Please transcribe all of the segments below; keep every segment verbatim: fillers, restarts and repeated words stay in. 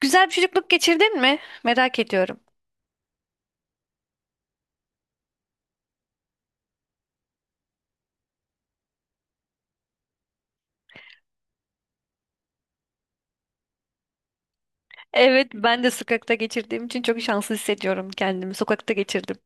Güzel bir çocukluk geçirdin mi? Merak ediyorum. Evet, ben de sokakta geçirdiğim için çok şanslı hissediyorum kendimi. Sokakta geçirdim.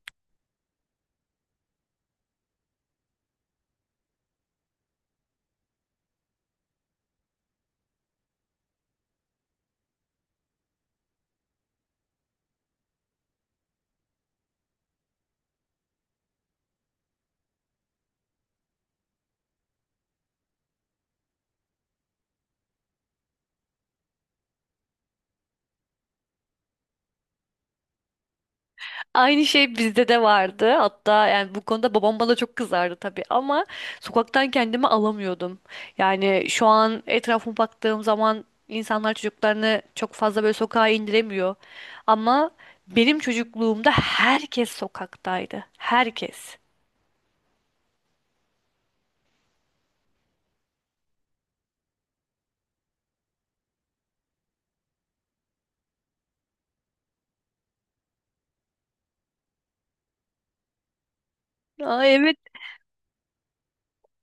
Aynı şey bizde de vardı. Hatta yani bu konuda babam bana çok kızardı tabii ama sokaktan kendimi alamıyordum. Yani şu an etrafıma baktığım zaman insanlar çocuklarını çok fazla böyle sokağa indiremiyor. Ama benim çocukluğumda herkes sokaktaydı. Herkes. Aa, evet.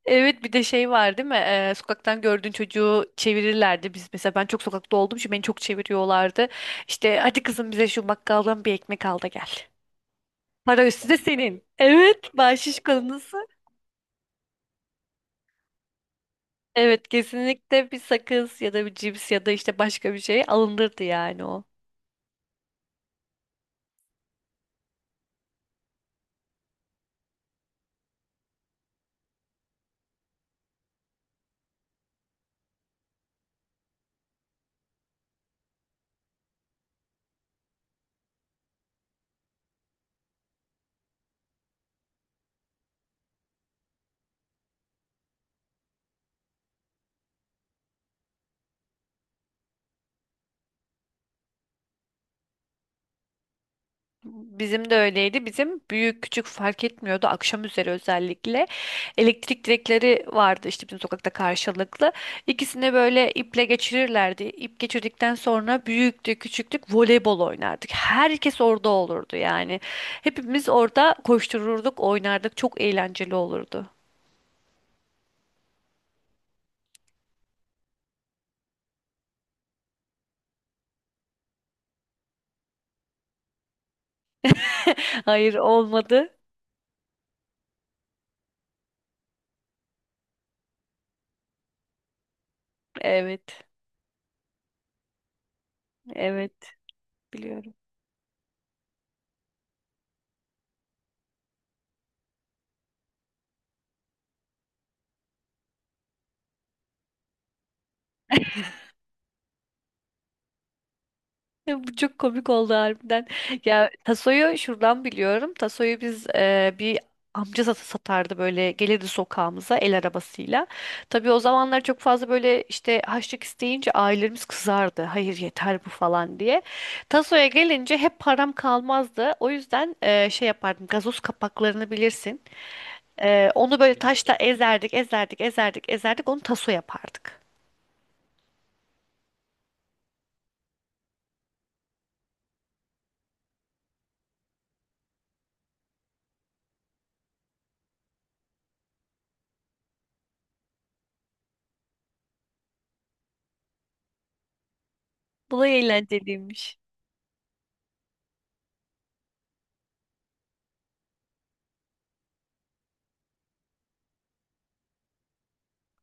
Evet bir de şey var değil mi? Ee, sokaktan gördüğün çocuğu çevirirlerdi. Biz mesela ben çok sokakta olduğum için beni çok çeviriyorlardı. İşte hadi kızım bize şu bakkaldan bir ekmek al da gel. Para üstü de senin. Evet, bahşiş konusu. Evet, kesinlikle bir sakız ya da bir cips ya da işte başka bir şey alındırdı yani o. Bizim de öyleydi. Bizim büyük küçük fark etmiyordu. Akşam üzeri özellikle elektrik direkleri vardı işte bizim sokakta karşılıklı. İkisini böyle iple geçirirlerdi. İp geçirdikten sonra büyüktü, küçüktük voleybol oynardık. Herkes orada olurdu yani. Hepimiz orada koştururduk, oynardık. Çok eğlenceli olurdu. Hayır olmadı. Evet. Evet, biliyorum. Ya bu çok komik oldu harbiden. Ya Taso'yu şuradan biliyorum. Taso'yu biz e, bir amca sat- satardı böyle gelirdi sokağımıza el arabasıyla. Tabii o zamanlar çok fazla böyle işte harçlık isteyince ailelerimiz kızardı. Hayır yeter bu falan diye. Taso'ya gelince hep param kalmazdı. O yüzden e, şey yapardım gazoz kapaklarını bilirsin. E, onu böyle taşla ezerdik ezerdik ezerdik ezerdik onu Taso yapardık. Bulay eğlenceliymiş.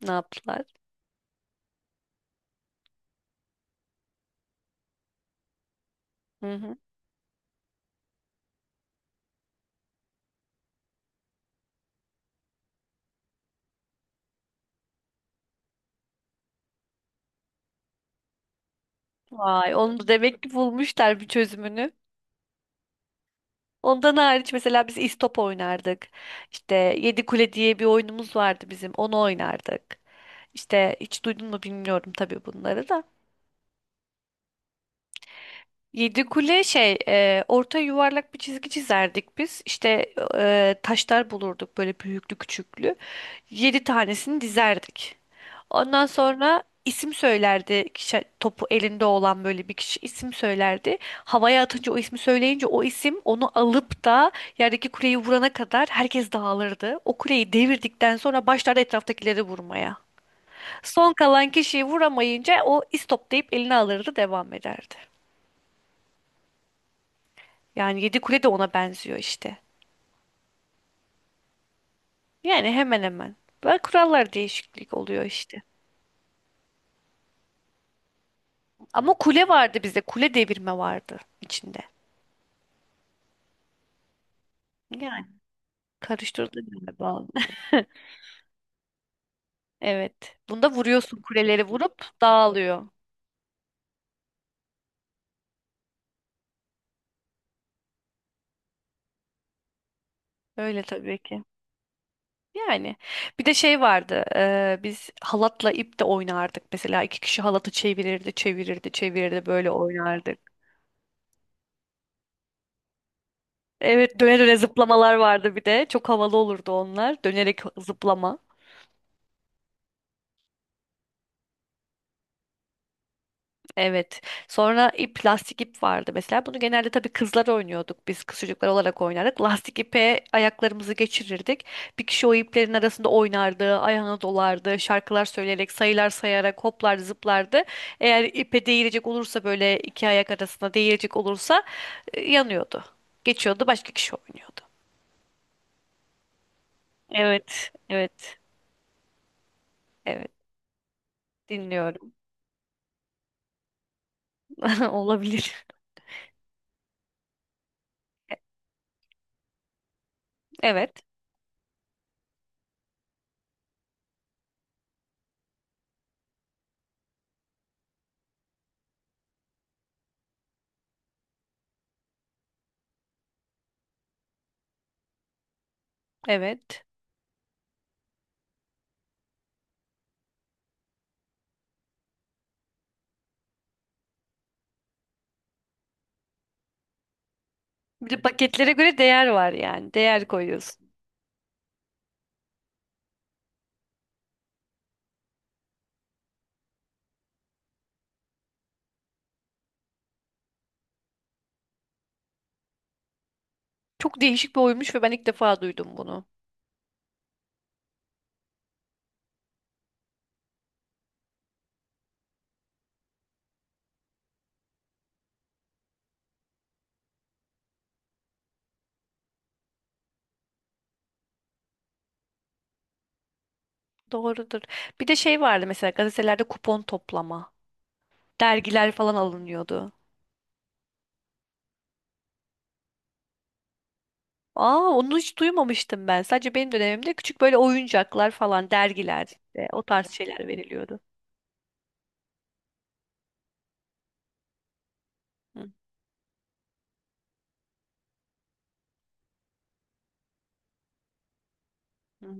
Ne yaptılar? Hı hı. Vay, onu da demek ki bulmuşlar bir çözümünü. Ondan hariç mesela biz istop oynardık. İşte Yedi Kule diye bir oyunumuz vardı bizim. Onu oynardık. İşte hiç duydun mu bilmiyorum tabii bunları da. Yedi kule şey e, orta yuvarlak bir çizgi çizerdik biz. İşte e, taşlar bulurduk böyle büyüklü küçüklü. Yedi tanesini dizerdik. Ondan sonra isim söylerdi. Kişi, topu elinde olan böyle bir kişi isim söylerdi. Havaya atınca o ismi söyleyince o isim onu alıp da yerdeki kuleyi vurana kadar herkes dağılırdı. O kuleyi devirdikten sonra başlardı etraftakileri vurmaya. Son kalan kişiyi vuramayınca o istop deyip eline alırdı devam ederdi. Yani yedi kule de ona benziyor işte. Yani hemen hemen. Böyle kurallar değişiklik oluyor işte. Ama kule vardı bizde. Kule devirme vardı içinde. Yani karıştırdı galiba. Evet. Bunda vuruyorsun kuleleri vurup dağılıyor. Öyle tabii ki. Yani bir de şey vardı. E, biz halatla ip de oynardık. Mesela iki kişi halatı çevirirdi, çevirirdi, çevirirdi böyle oynardık. Evet, döne döne zıplamalar vardı bir de. Çok havalı olurdu onlar. Dönerek zıplama. Evet. Sonra ip, lastik ip vardı mesela. Bunu genelde tabii kızlar oynuyorduk. Biz kız çocuklar olarak oynardık. Lastik ipe ayaklarımızı geçirirdik. Bir kişi o iplerin arasında oynardı, ayağına dolardı, şarkılar söyleyerek, sayılar sayarak hoplar zıplardı. Eğer ipe değilecek olursa böyle iki ayak arasında değilecek olursa e, yanıyordu. Geçiyordu, başka kişi oynuyordu. Evet, evet, evet. Dinliyorum. Olabilir. E, evet, evet. Bir de paketlere göre değer var yani. Değer koyuyorsun. Çok değişik bir oyunmuş ve ben ilk defa duydum bunu. Doğrudur. Bir de şey vardı mesela gazetelerde kupon toplama. Dergiler falan alınıyordu. Aa onu hiç duymamıştım ben. Sadece benim dönemimde küçük böyle oyuncaklar falan dergiler işte o tarz şeyler veriliyordu. Hı hı.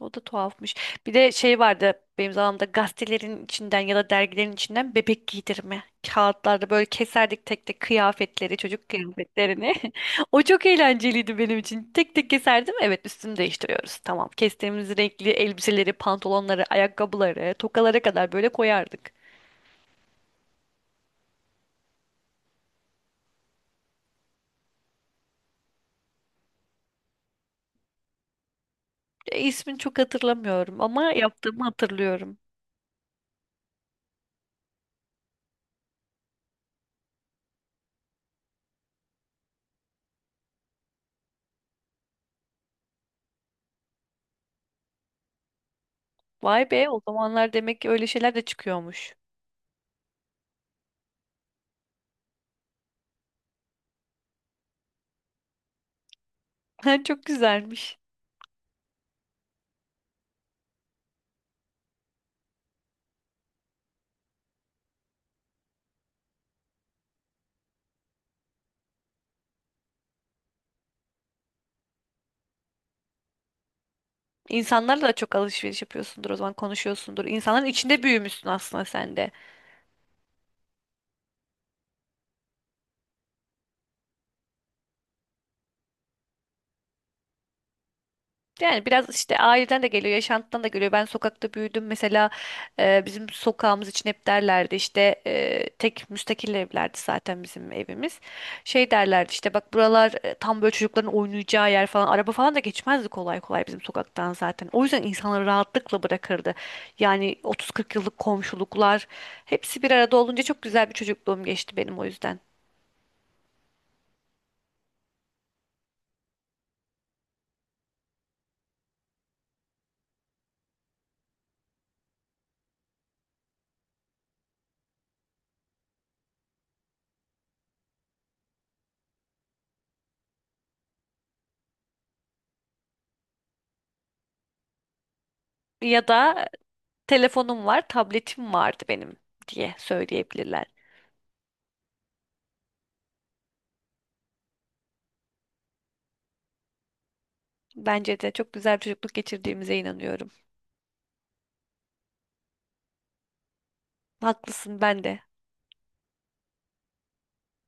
O da tuhafmış. Bir de şey vardı benim zamanımda gazetelerin içinden ya da dergilerin içinden bebek giydirme. Kağıtlarda böyle keserdik tek tek kıyafetleri, çocuk kıyafetlerini. O çok eğlenceliydi benim için. Tek tek keserdim. Evet üstünü değiştiriyoruz. Tamam. Kestiğimiz renkli elbiseleri, pantolonları, ayakkabıları, tokalara kadar böyle koyardık. E, ismini çok hatırlamıyorum ama yaptığımı hatırlıyorum. Vay be o zamanlar demek ki öyle şeyler de çıkıyormuş. Çok güzelmiş. İnsanlarla da çok alışveriş yapıyorsundur o zaman konuşuyorsundur. İnsanların içinde büyümüşsün aslında sen de. Yani biraz işte aileden de geliyor, yaşantıdan da geliyor. Ben sokakta büyüdüm. Mesela e, bizim sokağımız için hep derlerdi işte e, tek müstakil evlerdi zaten bizim evimiz. Şey derlerdi işte bak buralar e, tam böyle çocukların oynayacağı yer falan. Araba falan da geçmezdi kolay kolay bizim sokaktan zaten. O yüzden insanları rahatlıkla bırakırdı. Yani otuz kırk yıllık komşuluklar hepsi bir arada olunca çok güzel bir çocukluğum geçti benim o yüzden. Ya da telefonum var, tabletim vardı benim diye söyleyebilirler. Bence de çok güzel bir çocukluk geçirdiğimize inanıyorum. Haklısın ben de.